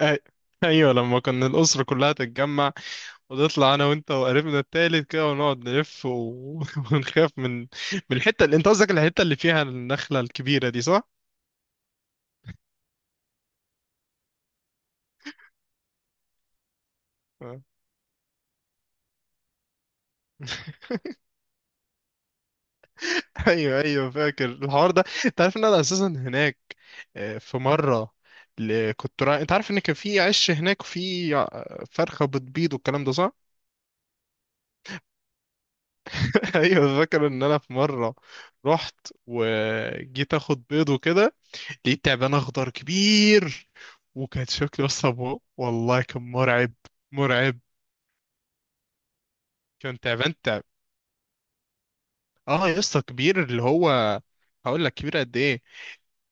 أي- ايوه، لما كنا الاسره كلها تتجمع ونطلع انا وانت وقريبنا التالت كده ونقعد نلف ونخاف من الحته اللي انت قصدك، الحته اللي فيها النخله الكبيره دي، صح؟ آه. ايوه ايوه فاكر الحوار ده، انت عارف ان انا اساسا هناك. في مره كنت رايح، انت عارف ان كان في عش هناك وفي فرخه بتبيض والكلام ده، صح؟ ايوه فاكر ان انا في مره رحت وجيت اخد بيض وكده، لقيت تعبان اخضر كبير. وكان شكله اصلا والله كان مرعب. مرعب. كان تعبان تعب. اه يا اسطى، كبير اللي هو، هقول لك كبير قد ايه.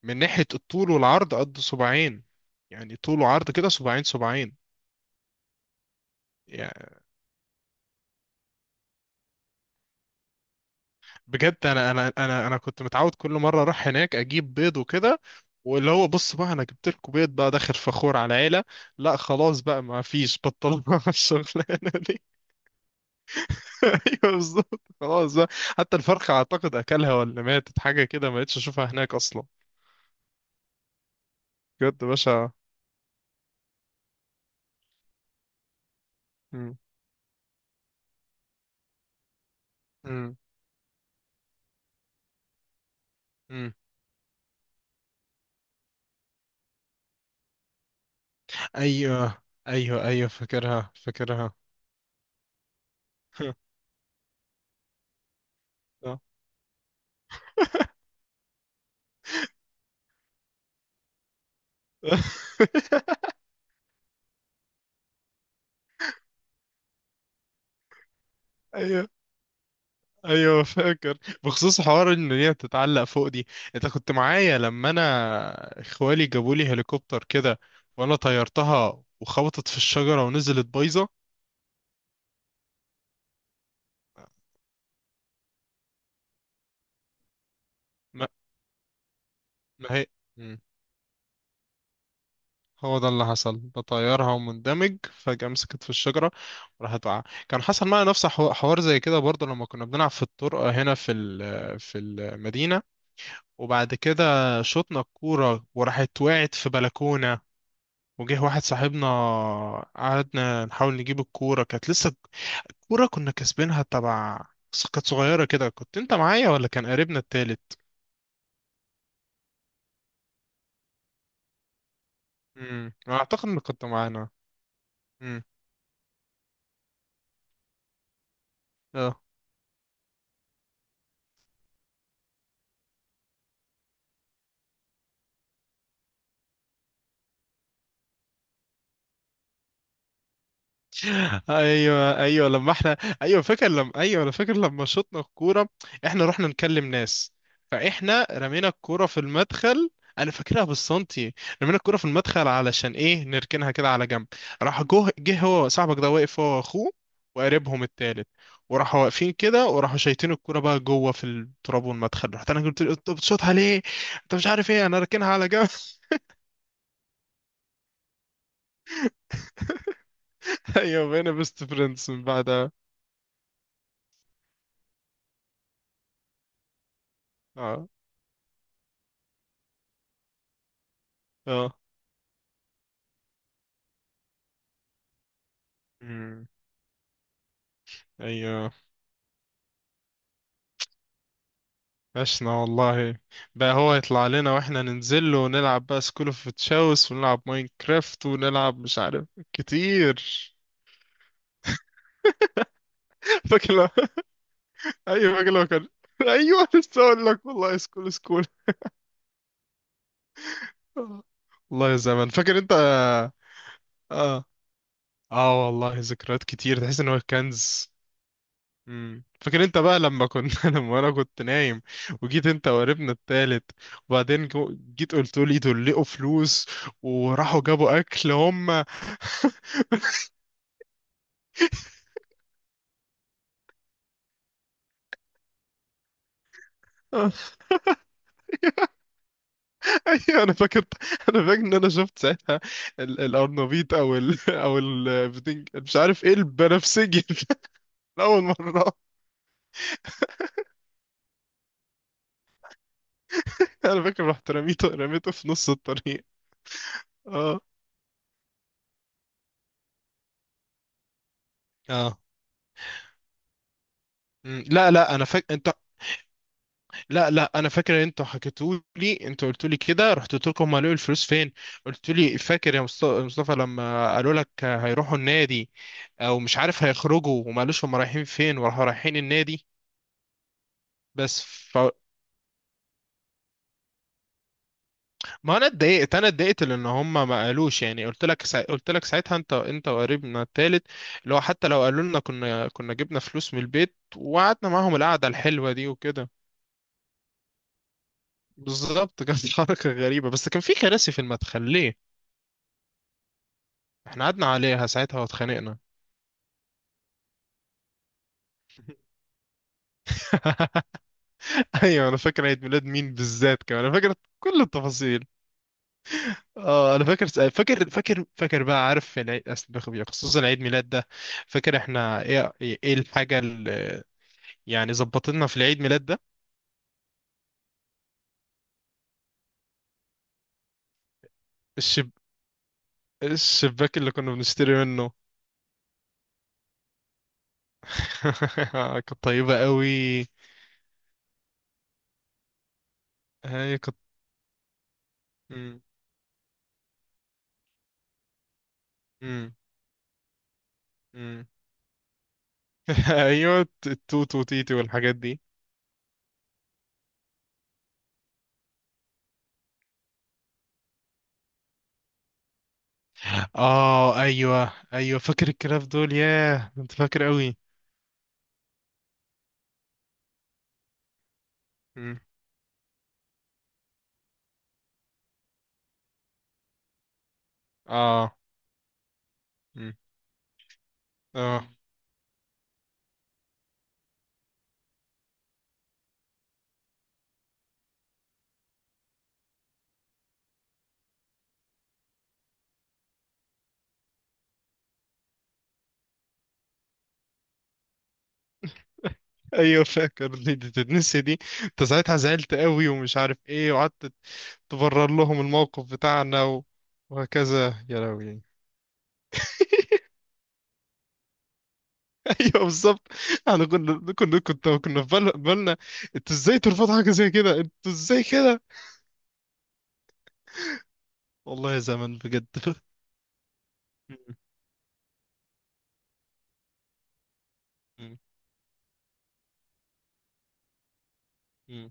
من ناحية الطول والعرض قد صباعين، يعني طول وعرض كده صباعين صباعين. يعني بجد، انا كنت متعود كل مرة اروح هناك اجيب بيض وكده. واللي هو بص بقى، انا جبت لكم بيض بقى داخل فخور على العيلة. لا خلاص بقى ما فيش، بطلنا الشغلانة دي. ايوه بالظبط، خلاص بقى. حتى الفرخة اعتقد اكلها ولا ماتت حاجة كده، ما بقتش اشوفها هناك اصلا. بجد يا باشا. مم. مم. مم. ايوه ايوه ايوه فاكرها فاكرها. آه. ايوه ايوه فاكر. بخصوص حوار ان هي تتعلق فوق دي، انت كنت معايا لما انا اخوالي جابوا لي هليكوبتر كده، وانا طيرتها وخبطت في الشجرة ونزلت بايظة. ما ما هي، هو ده اللي حصل، بطيرها ومندمج فجأة مسكت في الشجرة وراحت وقع. كان حصل معايا نفس حوار زي كده برضه، لما كنا بنلعب في الطرقة هنا في المدينة. وبعد كده شطنا الكورة وراحت وقعت في بلكونة، وجه واحد صاحبنا. قعدنا نحاول نجيب الكورة، كانت لسه الكورة كنا كاسبينها تبع. بس كانت صغيرة كده. كنت انت معايا ولا كان قريبنا التالت؟ اعتقد انك كنت معانا. امم. ايوه ايوه، لما احنا، ايوه فاكر لما، ايوه انا فاكر لما شطنا الكوره احنا رحنا نكلم ناس، فاحنا رمينا الكوره في المدخل. انا فاكرها بالسنتي. رمينا الكوره في المدخل علشان ايه؟ نركنها كده على جنب. راح جه هو صاحبك ده واقف هو واخوه وقريبهم التالت، وراحوا واقفين كده وراحوا شايتين الكوره بقى جوه في التراب والمدخل. رحت انا قلت له: انت بتشوطها ليه؟ انت مش عارف ايه، انا راكنها على جنب. ايوه بقينا بيست فريندز من بعدها. اه. اه. أمم. ايوه. عشنا والله. بقى هو يطلع لنا واحنا ننزل له ونلعب بقى سكول اوف تشاوس، ونلعب ماينكرافت، ونلعب مش عارف كتير. فاكر لو- ايوه فاكر لو كان. ايوه لسه اقول لك والله، سكول سكول. والله يا زمان، فاكر انت. اه. اه والله ذكريات كتير، تحس ان هو كنز. مم. فاكر انت بقى لما كنت، لما انا كنت نايم، وجيت انت وقريبنا التالت، وبعدين جيت قلت لي دول لقوا فلوس وراحوا جابوا اكل هم. ايوه انا فاكر. انا فاكر ان انا شفت ساعتها الارنبيط، مش عارف ايه البنفسجي. اول مره. انا فاكر رحت رميته، رميته في نص الطريق. اه. اه. مم. لا لا انا فاكر انت، لا لا انا فاكر ان انتوا حكيتوا لي، انتوا قلتوا لي كده، رحت قلت لكم هم لقوا الفلوس فين؟ قلت لي: فاكر يا مصطفى لما قالوا لك هيروحوا النادي؟ او مش عارف هيخرجوا وما قالوش هم رايحين فين، وراحوا رايحين النادي. بس. ما انا اتضايقت، انا اتضايقت لان هم ما قالوش. يعني قلت لك قلت لك ساعتها انت، انت وقريبنا التالت، اللي هو حتى لو قالوا لنا كنا، كنا جبنا فلوس من البيت وقعدنا معاهم القعده الحلوه دي وكده. بالظبط كانت حركه غريبه. بس كان في كراسي في المدخل ليه؟ احنا قعدنا عليها ساعتها واتخانقنا. ايوه انا فاكر عيد ميلاد مين بالذات، كمان انا فاكر كل التفاصيل. اه انا فاكر فاكر فاكر فاكر بقى، عارف العيد، خصوصا عيد ميلاد ده. فاكر احنا ايه، ايه الحاجه يعني ظبط لنا في العيد ميلاد ده. الشب... الشباك اللي كنا بنشتري منه. كانت طيبة قوي. هي كانت. مم. مم. مم. ايوه، التوت وتيتي والحاجات دي. اه ايوه ايوه فاكر الكلام دول، ياه انت فاكر قوي. مم. اه. مم. اه ايوه فاكر دي، دي تتنسي دي؟ انت ساعتها زعلت قوي ومش عارف ايه، وقعدت تبرر لهم الموقف بتاعنا وهكذا يا لهوي. ايوه بالظبط. احنا كنا في بالنا انتوا ازاي ترفضوا حاجه زي كده، انتوا ازاي كده؟ والله يا زمن بجد. م- م-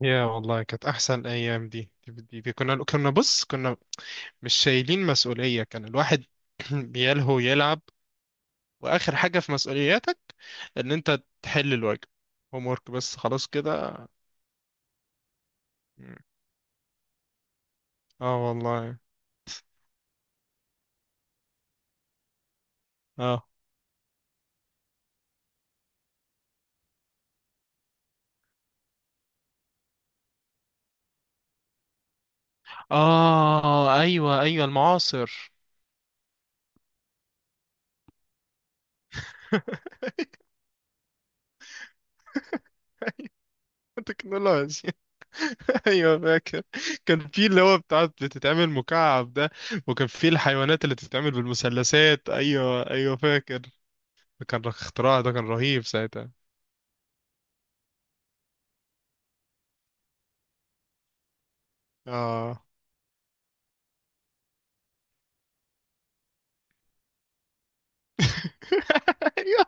يا والله كانت احسن ايام دي. كنا بص كنا مش شايلين مسؤوليه، كان الواحد بيلهو يلعب. واخر حاجه في مسؤولياتك ان انت تحل الواجب، هوم ورك بس، خلاص كده. م. اه والله. اه. اه ايوه ايوه المعاصر. تكنولوجيا. ايوه فاكر. كان في اللي هو بتاعت بتتعمل مكعب ده، وكان في الحيوانات اللي بتتعمل بالمثلثات، ايوه ايوه فاكر. كان اختراع ده، كان رهيب ساعتها. اه. ايوه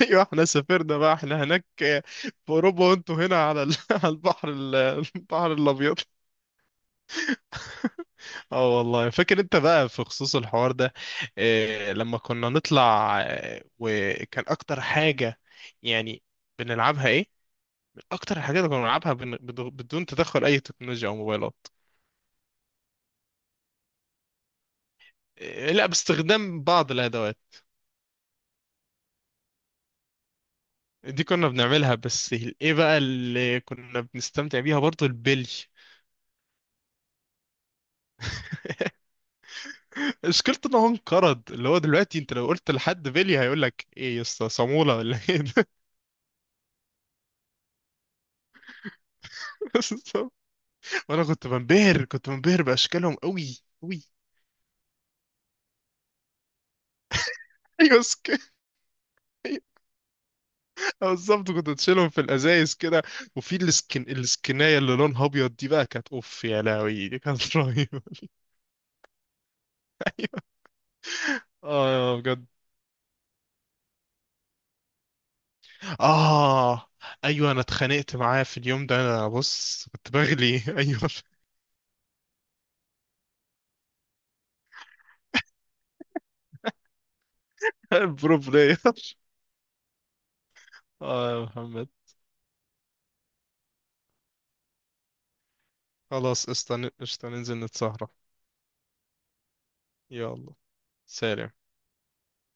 ايوه احنا سافرنا بقى، احنا هناك في اوروبا وانتوا هنا على على البحر البحر الابيض. اه والله فاكر انت بقى في خصوص الحوار ده. إيه لما كنا نطلع، وكان اكتر حاجة يعني بنلعبها إيه؟ اكتر الحاجات اللي كنا بنلعبها بدون تدخل اي تكنولوجيا او موبايلات. إيه، لا، باستخدام بعض الادوات دي كنا بنعملها بس. ايه بقى اللي كنا بنستمتع بيها برضو؟ البلي. مشكلته ان هو انقرض، اللي هو دلوقتي انت لو قلت لحد بلي هيقول لك: ايه يا اسطى، صامولة ولا ايه ده؟ وانا كنت بنبهر، كنت بنبهر باشكالهم قوي قوي. ايوه أيوة، بالظبط كنت تشيلهم في الازايز كده. وفي السكن، السكنايه اللي لونها ابيض دي بقى كانت اوف يا لهوي، دي كانت رهيبه. اه بجد. اه ايوه انا اتخانقت معاه في اليوم ده، انا بص كنت بغلي. ايوه برو بلاير. اه يا محمد. خلاص قشطة قشطة، ننزل نتسهرة. يلا سلام.